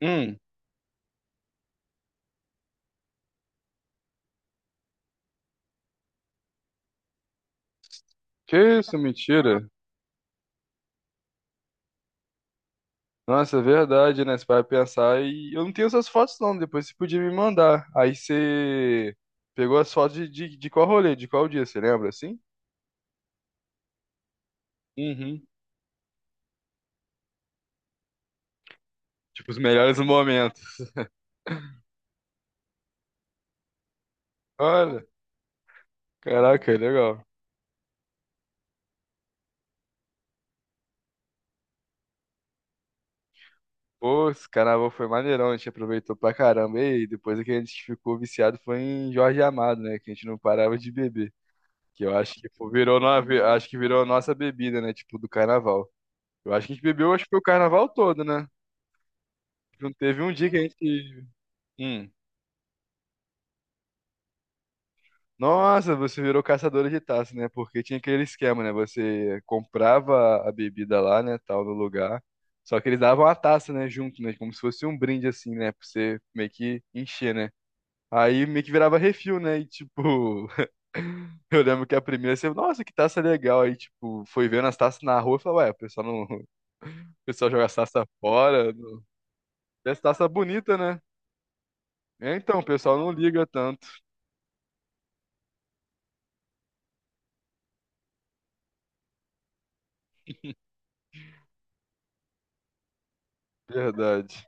Hum, que isso, mentira. Nossa, é verdade, né? Você vai pensar e eu não tenho essas fotos não, depois você podia me mandar. Aí você pegou as fotos de qual rolê, de qual dia, você lembra assim? Uhum. Tipo, os melhores momentos. Olha, caraca, legal. Pô, esse carnaval foi maneirão, a gente aproveitou pra caramba. E depois é que a gente ficou viciado foi em Jorge Amado, né? Que a gente não parava de beber. Que eu acho que pô, virou, acho que virou a nossa bebida, né? Tipo, do carnaval. Eu acho que a gente bebeu, acho que foi o carnaval todo, né? Não teve um dia que a gente. Hum. Nossa, você virou caçadora de taça, né? Porque tinha aquele esquema, né? Você comprava a bebida lá, né? Tal, no lugar. Só que eles davam a taça, né? Junto, né? Como se fosse um brinde, assim, né? Pra você meio que encher, né? Aí meio que virava refil, né? E tipo. Eu lembro que a primeira você, nossa, que taça legal. Aí, tipo, foi vendo as taças na rua e falou, ué, o pessoal não. O pessoal joga as taças fora. Não. Essa taça bonita, né? É, então, o pessoal não liga tanto. Verdade.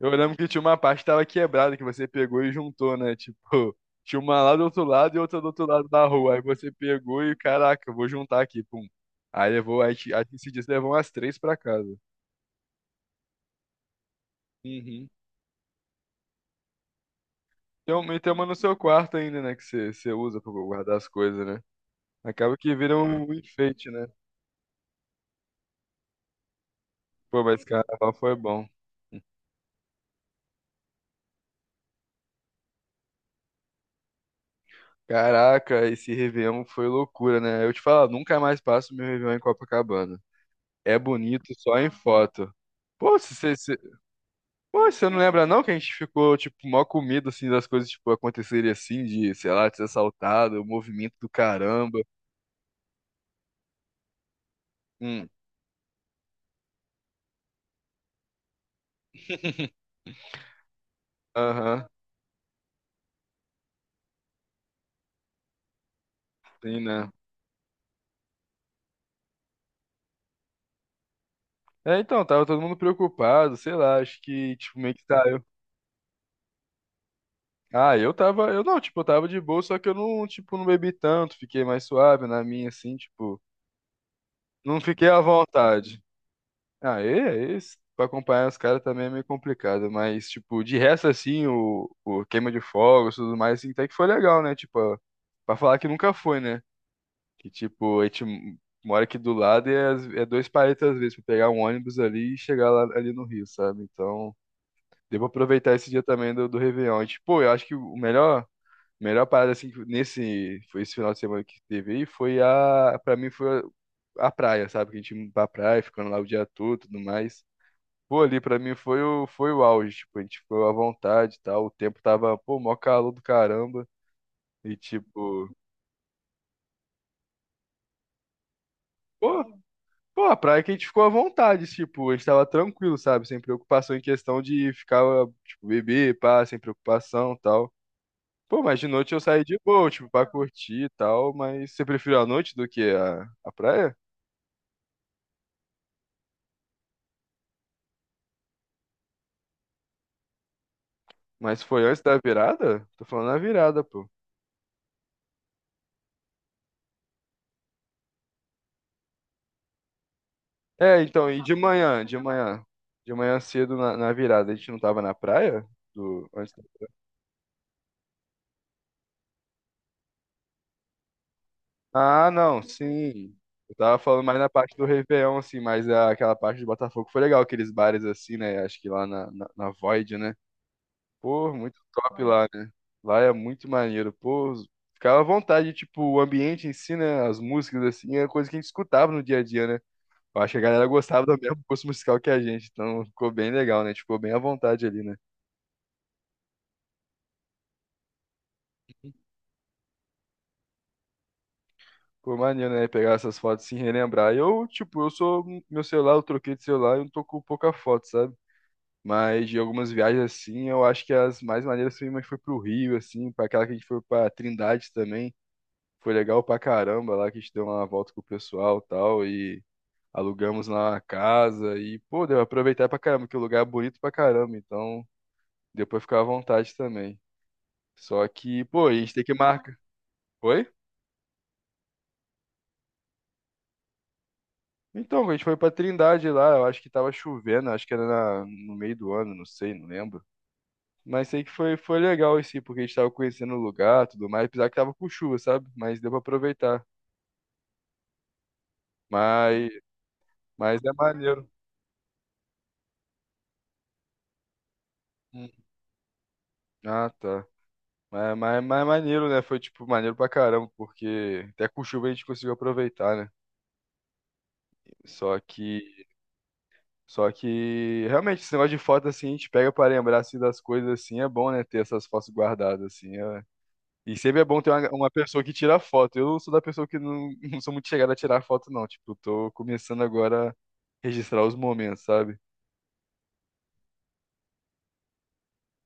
Eu lembro que tinha uma parte que tava quebrada que você pegou e juntou, né? Tipo, tinha uma lá do outro lado e outra do outro lado da rua. Aí você pegou e, caraca, eu vou juntar aqui, pum. Aí levou, aí, aí esse dia você levou umas três pra casa. Uhum. E tem uma no seu quarto ainda, né? Que você usa pra guardar as coisas, né? Acaba que vira um enfeite, né? Pô, mas carnaval foi bom. Caraca, esse Réveillon foi loucura, né? Eu te falo, nunca mais passo meu Réveillon em Copacabana. É bonito só em foto. Pô, se você Pô, você não lembra não que a gente ficou, tipo, mó com medo, assim, das coisas, tipo, acontecerem assim, de, sei lá, de ser assaltado, o movimento do caramba. Hum. Aham, sim, né? É, então, tava todo mundo preocupado, sei lá, acho que, tipo, meio que tá eu. Ah, eu tava, eu não, tipo, eu tava de boa, só que eu não, tipo, não bebi tanto, fiquei mais suave na minha, assim, tipo, não fiquei à vontade. Ah, e pra acompanhar os caras também é meio complicado, mas, tipo, de resto, assim, o queima de fogos e tudo mais, assim, até que foi legal, né? Tipo, pra falar que nunca foi, né? Que, tipo, a gente mora aqui do lado e é, é dois palitos às vezes pra pegar um ônibus ali e chegar lá, ali no Rio, sabe? Então, devo aproveitar esse dia também do Réveillon. E, tipo, eu acho que o melhor, parada, assim, que nesse, foi esse final de semana que teve aí, foi a, pra mim, foi a praia, sabe? Que a gente indo pra praia, ficando lá o dia todo e tudo mais. Pô, ali pra mim foi o, foi o auge, tipo, a gente ficou à vontade e tal, o tempo tava, pô, mó calor do caramba, e tipo, pô, a praia que a gente ficou à vontade, tipo, a gente tava tranquilo, sabe, sem preocupação em questão de ficar, tipo, beber, pá, sem preocupação e tal. Pô, mas de noite eu saí de boa, tipo, pra curtir e tal, mas você preferiu a noite do que a praia? Mas foi antes da virada? Tô falando na virada, pô. É, então, e de manhã, cedo na virada, a gente não tava na praia? Antes. Ah, não, sim. Eu tava falando mais na parte do Réveillon, assim, mas aquela parte do Botafogo foi legal, aqueles bares assim, né? Acho que lá na Void, né? Pô, muito top lá, né? Lá é muito maneiro. Pô, ficava à vontade, tipo, o ambiente em si, né? As músicas, assim, é coisa que a gente escutava no dia a dia, né? Eu acho que a galera gostava do mesmo gosto musical que a gente, então ficou bem legal, né? A gente ficou bem à vontade ali, né? Pô, maneiro, né? Pegar essas fotos e se relembrar. Eu, tipo, eu sou. Meu celular, eu troquei de celular, e eu não tô com pouca foto, sabe? Mas de algumas viagens assim, eu acho que as mais maneiras foi, mas foi pro Rio, assim, para aquela que a gente foi pra Trindade também. Foi legal pra caramba lá que a gente deu uma volta com o pessoal e tal. E alugamos lá uma casa. E, pô, deu pra aproveitar pra caramba, que o lugar é bonito pra caramba. Então, deu pra ficar à vontade também. Só que, pô, a gente tem que marcar. Oi? Então, a gente foi pra Trindade lá, eu acho que tava chovendo, acho que era no meio do ano, não sei, não lembro. Mas sei que foi, foi legal esse, porque a gente tava conhecendo o lugar, tudo mais, apesar que tava com chuva, sabe? Mas deu pra aproveitar. Mas, mas é maneiro. Hum. Ah, tá. Mas é maneiro, né? Foi, tipo, maneiro pra caramba, porque até com chuva a gente conseguiu aproveitar, né? Só que, só que realmente, esse negócio de foto, assim, a gente pega pra lembrar, assim, das coisas, assim, é bom, né? Ter essas fotos guardadas, assim, é. E sempre é bom ter uma pessoa que tira foto. Eu sou da pessoa que não, não sou muito chegada a tirar foto, não. Tipo, tô começando agora a registrar os momentos, sabe?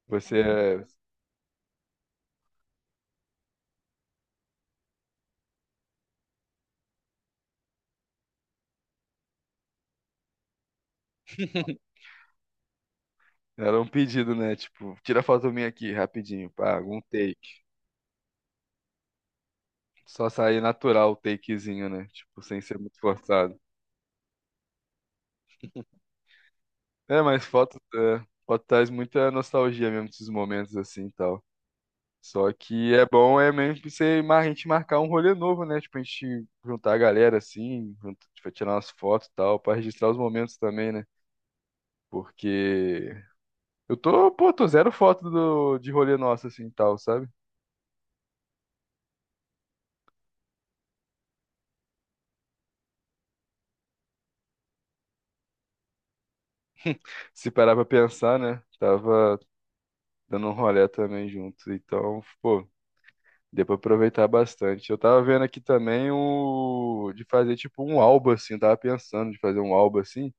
Você é, era um pedido, né? Tipo, tira foto minha aqui, rapidinho, pá, algum take. Só sair natural o takezinho, né? Tipo, sem ser muito forçado. É, mas foto, é, foto traz muita nostalgia mesmo desses momentos assim e tal. Só que é bom é mesmo pra você, a gente marcar um rolê novo, né? Tipo, a gente juntar a galera assim, junto, tipo, tirar umas fotos e tal, pra registrar os momentos também, né? Porque eu tô, pô, tô zero foto do, de rolê nosso assim e tal, sabe? Se parar pra pensar, né? Tava dando um rolê também junto, então, pô, deu pra aproveitar bastante. Eu tava vendo aqui também o de fazer tipo um álbum assim, eu tava pensando de fazer um álbum assim.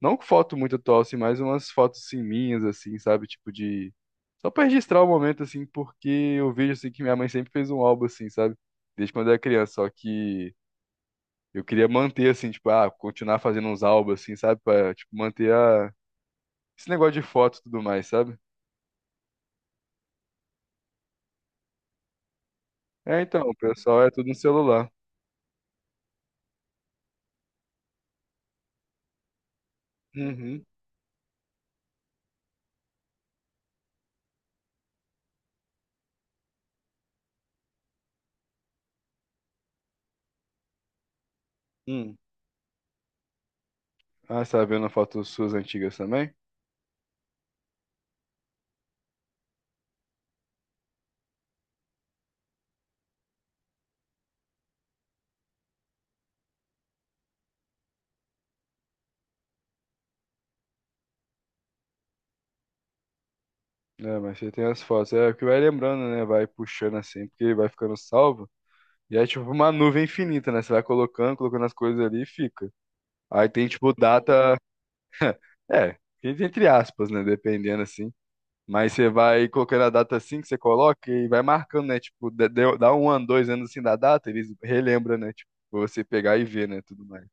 Não com foto muito atual, assim, mas umas fotos assim, minhas, assim, sabe? Tipo de. Só pra registrar o momento, assim, porque eu vejo assim que minha mãe sempre fez um álbum, assim, sabe? Desde quando eu era criança. Só que eu queria manter, assim, tipo, ah, continuar fazendo uns álbuns, assim, sabe? Pra, tipo, manter a esse negócio de foto e tudo mais, sabe? É, então, o pessoal é tudo no celular. Uhum. Hum. Ah, você tá vendo fotos suas antigas também? É, mas você tem as fotos. É o que vai lembrando, né? Vai puxando assim, porque vai ficando salvo. E é tipo uma nuvem infinita, né? Você vai colocando, colocando as coisas ali e fica. Aí tem tipo data. É, entre aspas, né? Dependendo assim. Mas você vai colocando a data assim que você coloca e vai marcando, né? Tipo, dá um ano, 2 anos assim da data, eles relembram, né? Tipo, pra você pegar e ver, né? Tudo mais.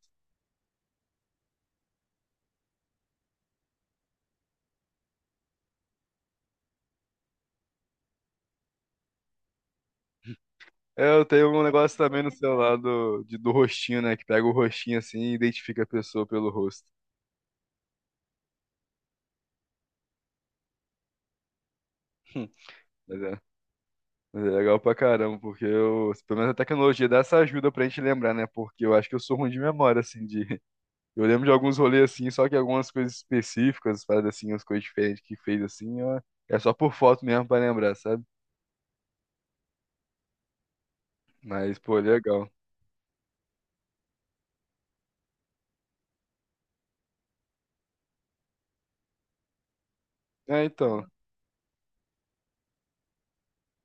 Eu tenho um negócio também no celular do, de- do rostinho, né? Que pega o rostinho assim e identifica a pessoa pelo rosto. Mas é É legal pra caramba, porque eu, pelo menos a tecnologia dá essa ajuda pra gente lembrar, né? Porque eu acho que eu sou ruim de memória, assim, de. Eu lembro de alguns rolês, assim, só que algumas coisas específicas, paradas assim, umas coisas diferentes que fez, assim, ó, é só por foto mesmo pra lembrar, sabe? Mas, pô, legal. É, então,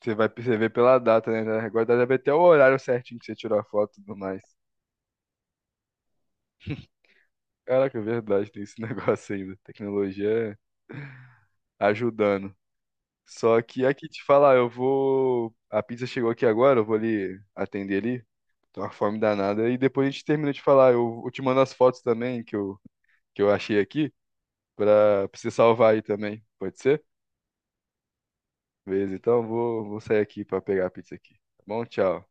você vai perceber pela data, né? Agora deve até o horário certinho que você tirou a foto e tudo mais. Caraca, é verdade, tem esse negócio ainda. Tecnologia ajudando. Só que aqui te falar, eu vou. A pizza chegou aqui agora, eu vou ali atender ali. Tô uma fome danada. E depois a gente termina de falar. Eu te mando as fotos também que eu achei aqui pra, pra você salvar aí também. Pode ser? Beleza, então vou, vou sair aqui pra pegar a pizza aqui. Tá bom? Tchau.